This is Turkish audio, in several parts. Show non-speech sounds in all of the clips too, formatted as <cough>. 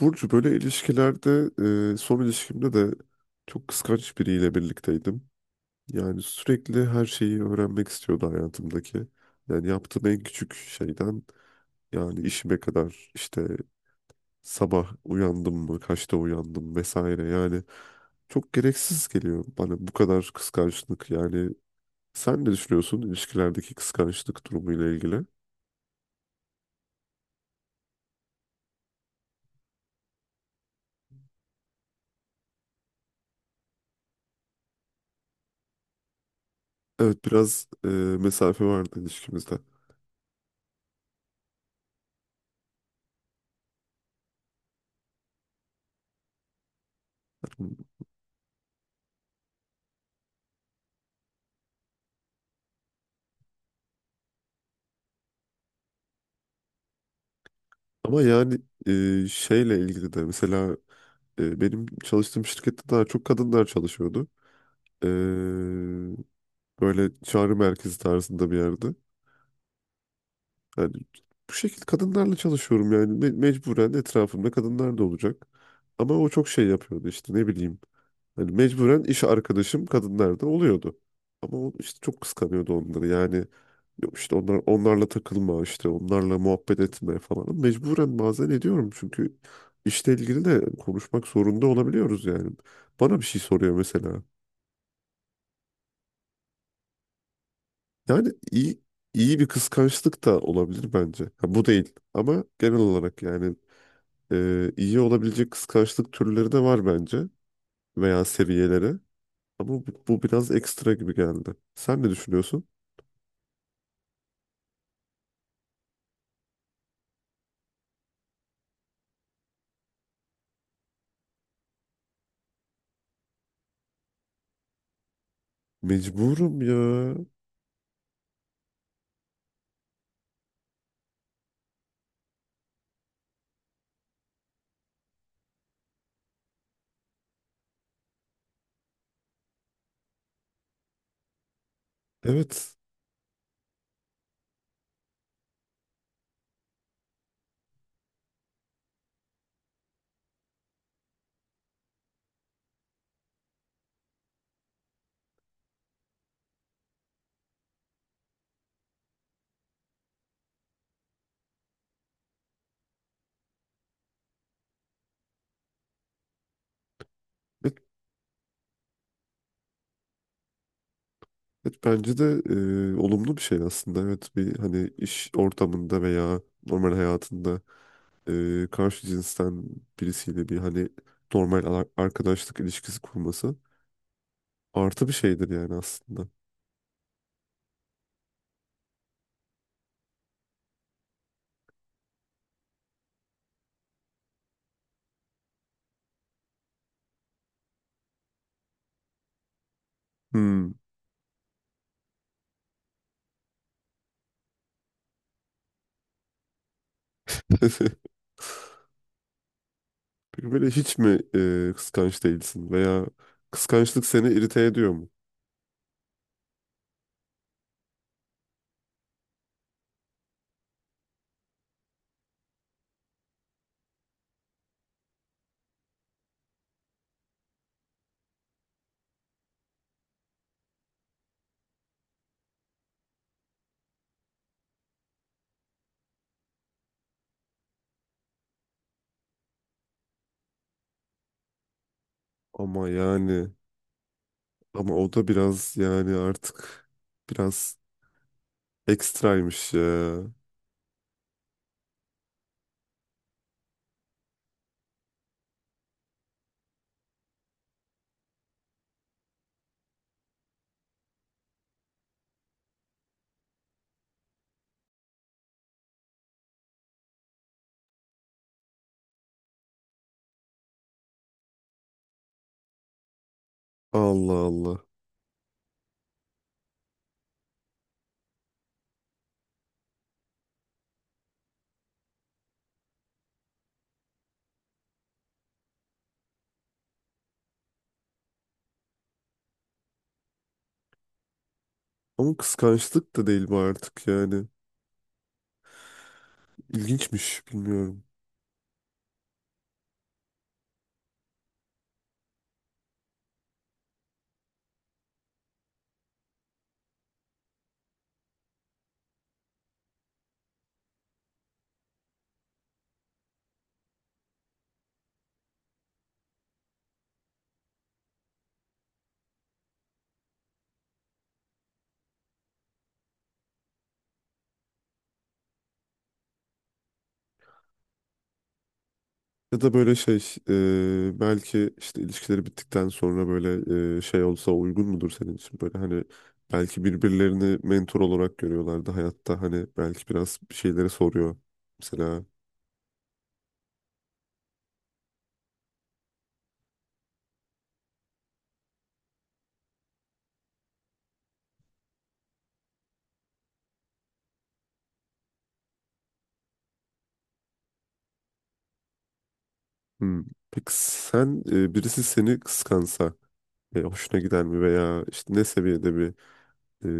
Burcu böyle ilişkilerde son ilişkimde de çok kıskanç biriyle birlikteydim. Yani sürekli her şeyi öğrenmek istiyordu hayatımdaki. Yani yaptığım en küçük şeyden yani işime kadar işte sabah uyandım mı, kaçta uyandım vesaire. Yani çok gereksiz geliyor bana bu kadar kıskançlık. Yani sen ne düşünüyorsun ilişkilerdeki kıskançlık durumuyla ilgili? Evet biraz mesafe vardı ilişkimizde. Ama yani şeyle ilgili de mesela benim çalıştığım şirkette daha çok kadınlar çalışıyordu. E, Böyle çağrı merkezi tarzında bir yerde. Yani bu şekilde kadınlarla çalışıyorum yani mecburen etrafımda kadınlar da olacak. Ama o çok şey yapıyordu işte ne bileyim. Hani mecburen iş arkadaşım kadınlar da oluyordu. Ama o işte çok kıskanıyordu onları. Yani yok işte onlar onlarla takılma, işte onlarla muhabbet etme falan. Mecburen bazen ediyorum çünkü işle ilgili de konuşmak zorunda olabiliyoruz yani. Bana bir şey soruyor mesela. Yani iyi bir kıskançlık da olabilir bence. Ha, bu değil ama genel olarak yani iyi olabilecek kıskançlık türleri de var bence veya seviyeleri. Ama bu biraz ekstra gibi geldi. Sen ne düşünüyorsun? Mecburum ya. Evet. Evet, evet bence de olumlu bir şey aslında. Evet bir hani iş ortamında veya normal hayatında karşı cinsten birisiyle bir hani normal arkadaşlık ilişkisi kurması artı bir şeydir yani aslında. Hmm. <laughs> Peki böyle hiç mi kıskanç değilsin veya kıskançlık seni irite ediyor mu? Ama yani ama o da biraz yani artık biraz ekstraymış ya. Allah Allah. Ama kıskançlık da değil bu artık yani. İlginçmiş bilmiyorum. Ya da böyle şey belki işte ilişkileri bittikten sonra böyle şey olsa uygun mudur senin için? Böyle hani belki birbirlerini mentor olarak görüyorlardı hayatta. Hani belki biraz bir şeyleri soruyor. Mesela hmm, peki sen birisi seni kıskansa hoşuna gider mi veya işte ne seviyede bir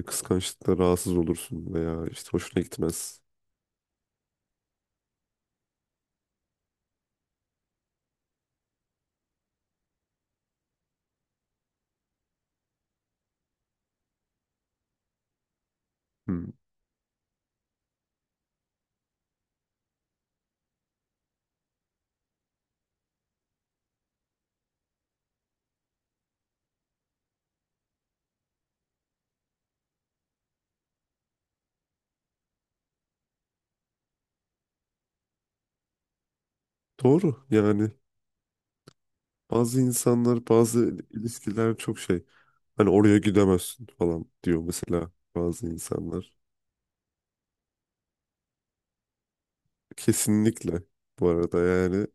kıskançlıkla rahatsız olursun veya işte hoşuna gitmez. Hmm, doğru yani. Bazı insanlar, bazı ilişkiler çok şey. Hani oraya gidemezsin falan diyor mesela bazı insanlar. Kesinlikle bu arada yani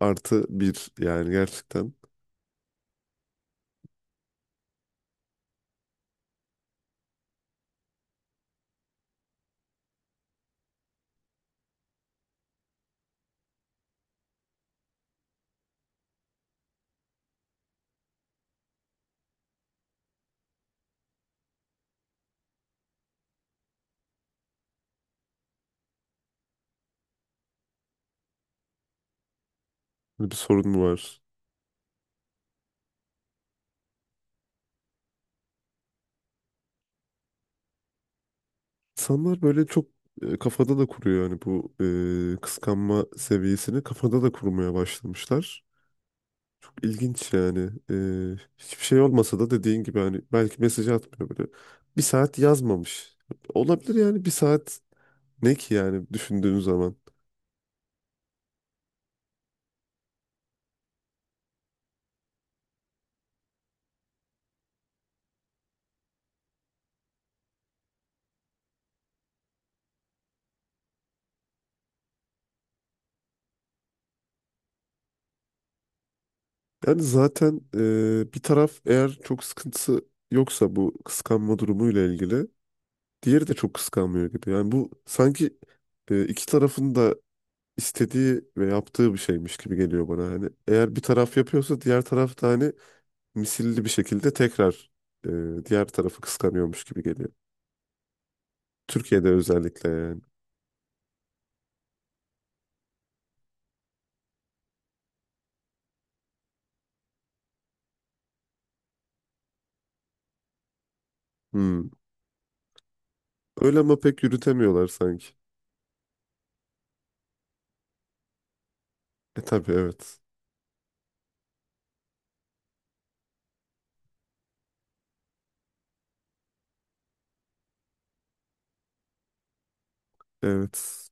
artı bir yani gerçekten bir sorun var. İnsanlar böyle çok kafada da kuruyor yani bu kıskanma seviyesini kafada da kurmaya başlamışlar. İlginç yani. Hiçbir şey olmasa da dediğin gibi hani belki mesaj atmıyor böyle. Bir saat yazmamış. Olabilir yani bir saat ne ki yani düşündüğün zaman. Yani zaten bir taraf eğer çok sıkıntısı yoksa bu kıskanma durumuyla ilgili diğeri de çok kıskanmıyor gibi. Yani bu sanki iki tarafın da istediği ve yaptığı bir şeymiş gibi geliyor bana. Hani eğer bir taraf yapıyorsa diğer taraf da hani misilli bir şekilde tekrar diğer tarafı kıskanıyormuş gibi geliyor. Türkiye'de özellikle yani. Hmm. Öyle ama pek yürütemiyorlar sanki. E tabii evet. Evet.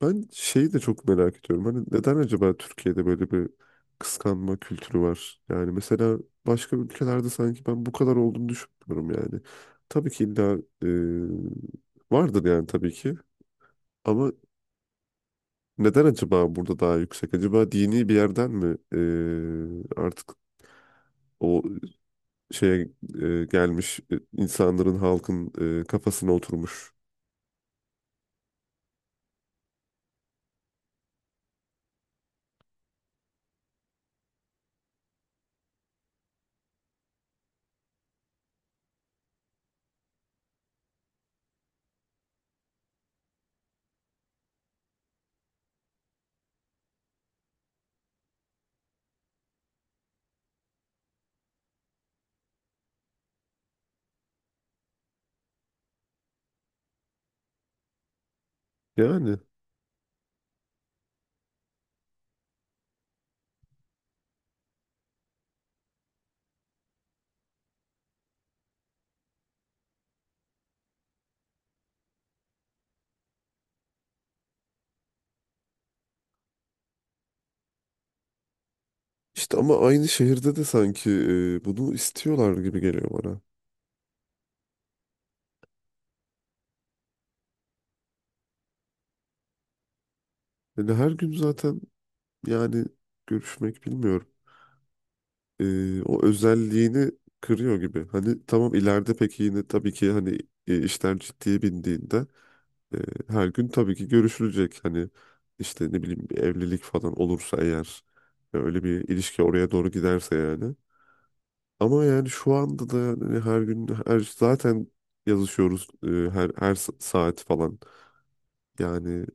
Ben şeyi de çok merak ediyorum. Hani neden acaba Türkiye'de böyle bir kıskanma kültürü var? Yani mesela başka ülkelerde sanki ben bu kadar olduğunu düşünmüyorum yani. Tabii ki illa e, vardır yani tabii ki. Ama neden acaba burada daha yüksek? Acaba dini bir yerden mi artık o şeye gelmiş insanların halkın kafasına oturmuş. Yani işte ama aynı şehirde de sanki bunu istiyorlar gibi geliyor bana. Yani her gün zaten yani görüşmek bilmiyorum. O özelliğini kırıyor gibi. Hani tamam ileride peki yine tabii ki hani işler ciddiye bindiğinde e, her gün tabii ki görüşülecek. Hani işte ne bileyim bir evlilik falan olursa eğer öyle bir ilişki oraya doğru giderse yani. Ama yani şu anda da hani her gün her zaten yazışıyoruz her saat falan. Yani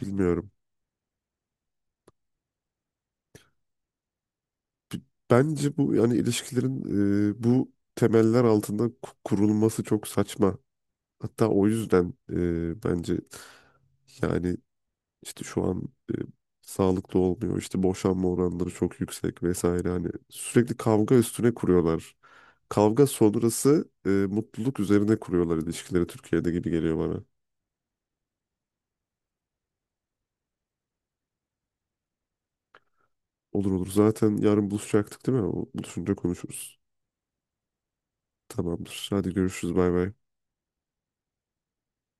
bilmiyorum. Bence bu yani ilişkilerin bu temeller altında kurulması çok saçma. Hatta o yüzden bence yani işte şu an sağlıklı olmuyor. İşte boşanma oranları çok yüksek vesaire. Hani sürekli kavga üstüne kuruyorlar. Kavga sonrası mutluluk üzerine kuruyorlar ilişkileri Türkiye'de gibi geliyor bana. Olur olur. Zaten yarın buluşacaktık değil mi? O buluşunca konuşuruz. Tamamdır. Hadi görüşürüz. Bay bay.